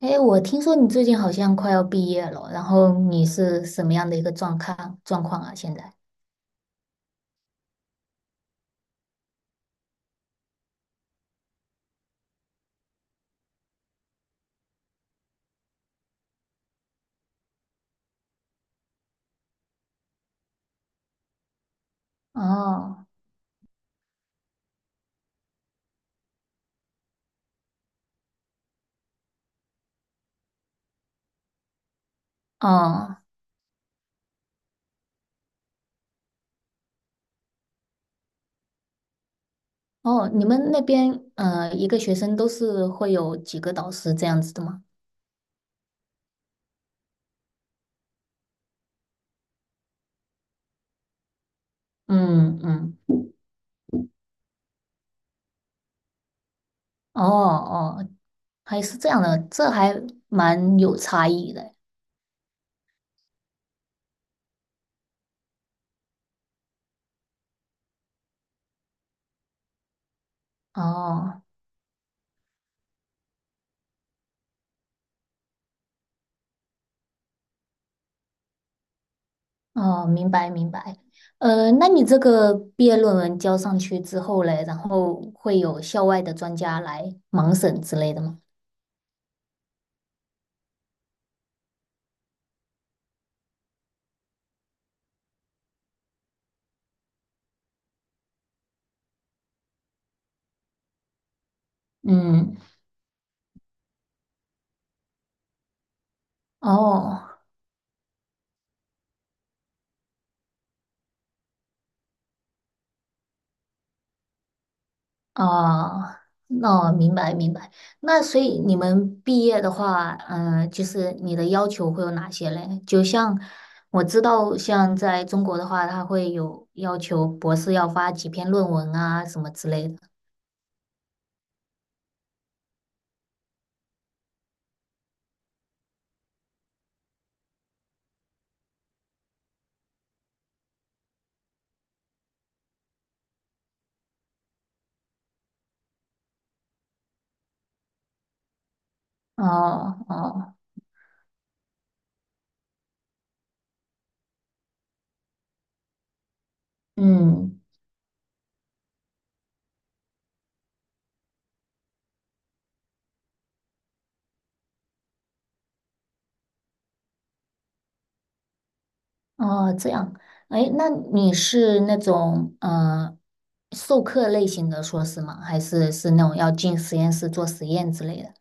哎，我听说你最近好像快要毕业了，然后你是什么样的一个状况啊？现在？哦，哦，哦，你们那边一个学生都是会有几个导师这样子的吗？嗯嗯，哦哦，还是这样的，这还蛮有差异的。哦哦，明白明白。那你这个毕业论文交上去之后嘞，然后会有校外的专家来盲审之类的吗？嗯。哦哦，那我明白明白。那所以你们毕业的话，就是你的要求会有哪些嘞？就像我知道，像在中国的话，他会有要求博士要发几篇论文啊，什么之类的。哦哦，嗯，哦，这样。哎，那你是那种授课类型的硕士吗？还是那种要进实验室做实验之类的？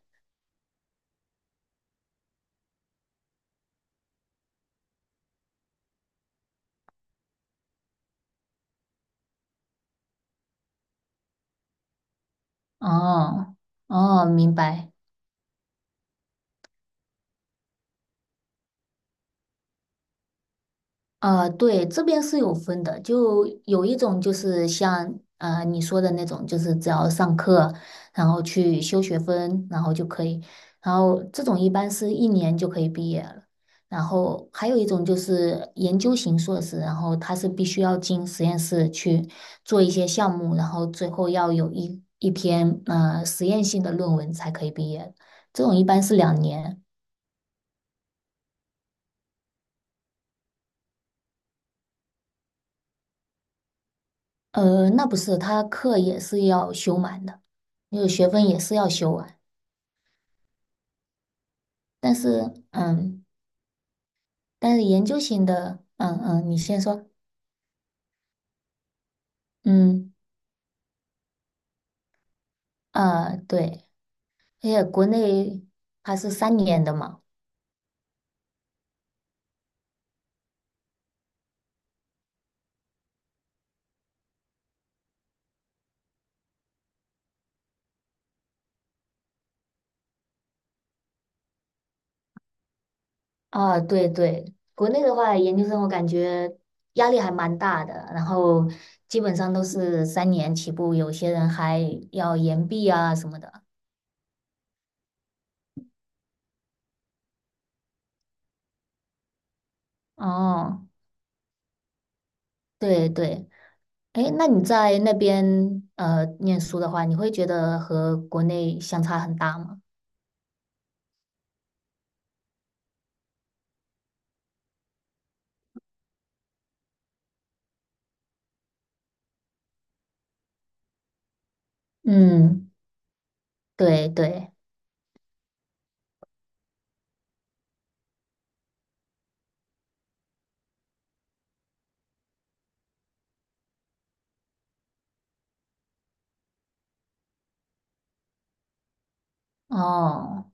哦哦，明白。对，这边是有分的，就有一种就是像你说的那种，就是只要上课，然后去修学分，然后就可以，然后这种一般是1年就可以毕业了。然后还有一种就是研究型硕士，然后他是必须要进实验室去做一些项目，然后最后要有一篇实验性的论文才可以毕业。这种一般是2年。那不是，他课也是要修满的，那个学分也是要修完。但是，但是研究型的，嗯嗯，你先说，嗯啊，对，而且国内还是三年的嘛，啊，对对，国内的话，研究生我感觉压力还蛮大的，然后基本上都是三年起步，有些人还要延毕啊什么的。哦，对对。诶，那你在那边念书的话，你会觉得和国内相差很大吗？嗯，对对，哦。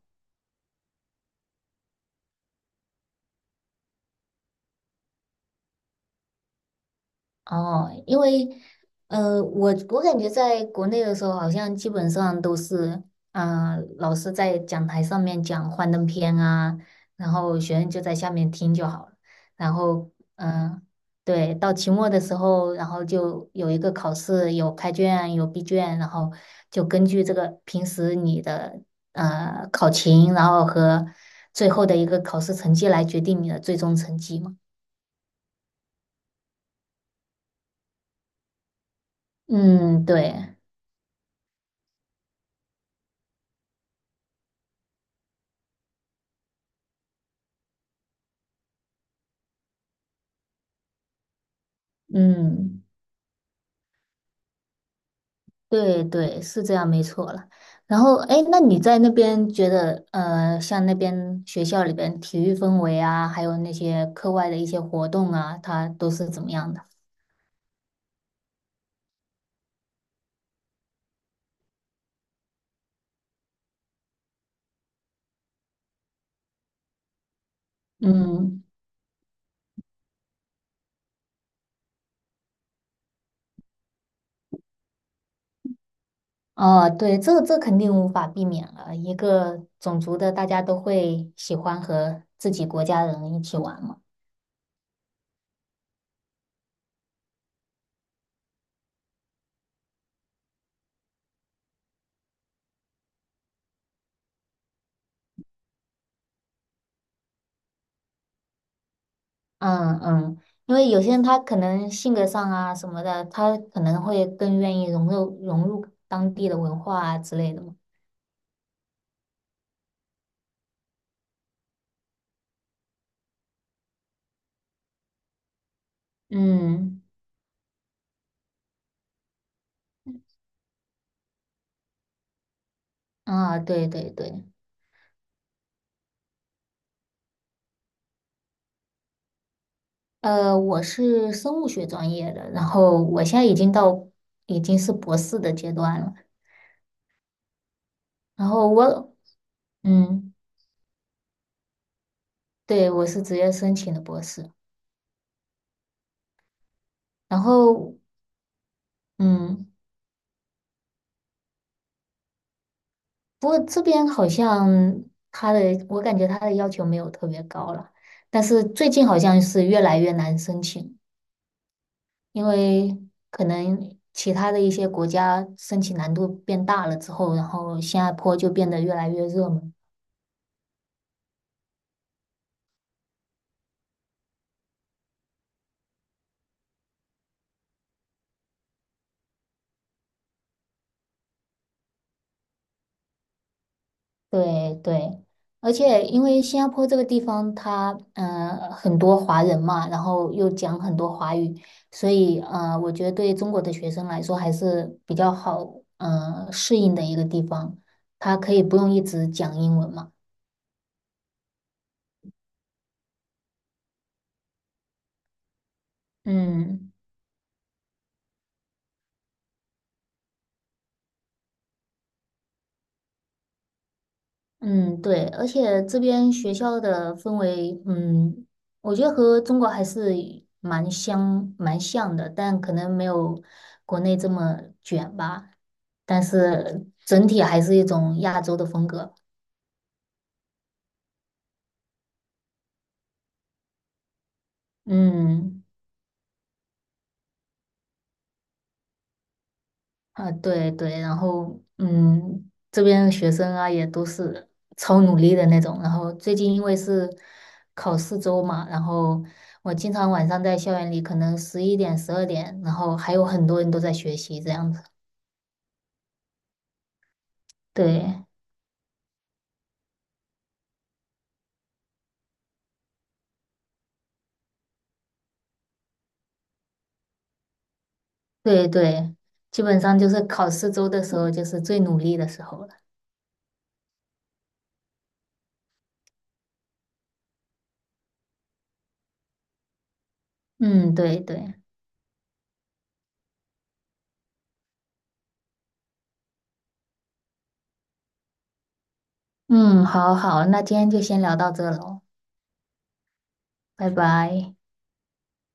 哦，因为我感觉在国内的时候，好像基本上都是，老师在讲台上面讲幻灯片啊，然后学生就在下面听就好了。然后，嗯、对，到期末的时候，然后就有一个考试，有开卷，有闭卷，然后就根据这个平时你的考勤，然后和最后的一个考试成绩来决定你的最终成绩嘛。嗯，对，嗯。对对，是这样，没错了。然后，哎，那你在那边觉得，像那边学校里边体育氛围啊，还有那些课外的一些活动啊，它都是怎么样的？嗯，哦，对，这肯定无法避免了。一个种族的，大家都会喜欢和自己国家人一起玩嘛。嗯嗯，因为有些人他可能性格上啊什么的，他可能会更愿意融入当地的文化啊之类的嘛。嗯。啊，对对对，我是生物学专业的，然后我现在已经是博士的阶段了，然后我，嗯，对，我是直接申请的博士，然后，嗯，不过这边好像他的，我感觉他的要求没有特别高了，但是最近好像是越来越难申请，因为可能其他的一些国家申请难度变大了之后，然后新加坡就变得越来越热门。对对，而且因为新加坡这个地方它，很多华人嘛，然后又讲很多华语，所以我觉得对中国的学生来说还是比较好，适应的一个地方。他可以不用一直讲英文嘛。嗯嗯，对，而且这边学校的氛围，我觉得和中国还是蛮像的，但可能没有国内这么卷吧。但是整体还是一种亚洲的风格。嗯，啊，对对，然后这边的学生啊也都是超努力的那种。然后最近因为是考试周嘛，然后我经常晚上在校园里，可能11点、12点，然后还有很多人都在学习这样子。对对对，基本上就是考试周的时候，就是最努力的时候了。嗯，对对，嗯，好好，那今天就先聊到这喽，拜拜。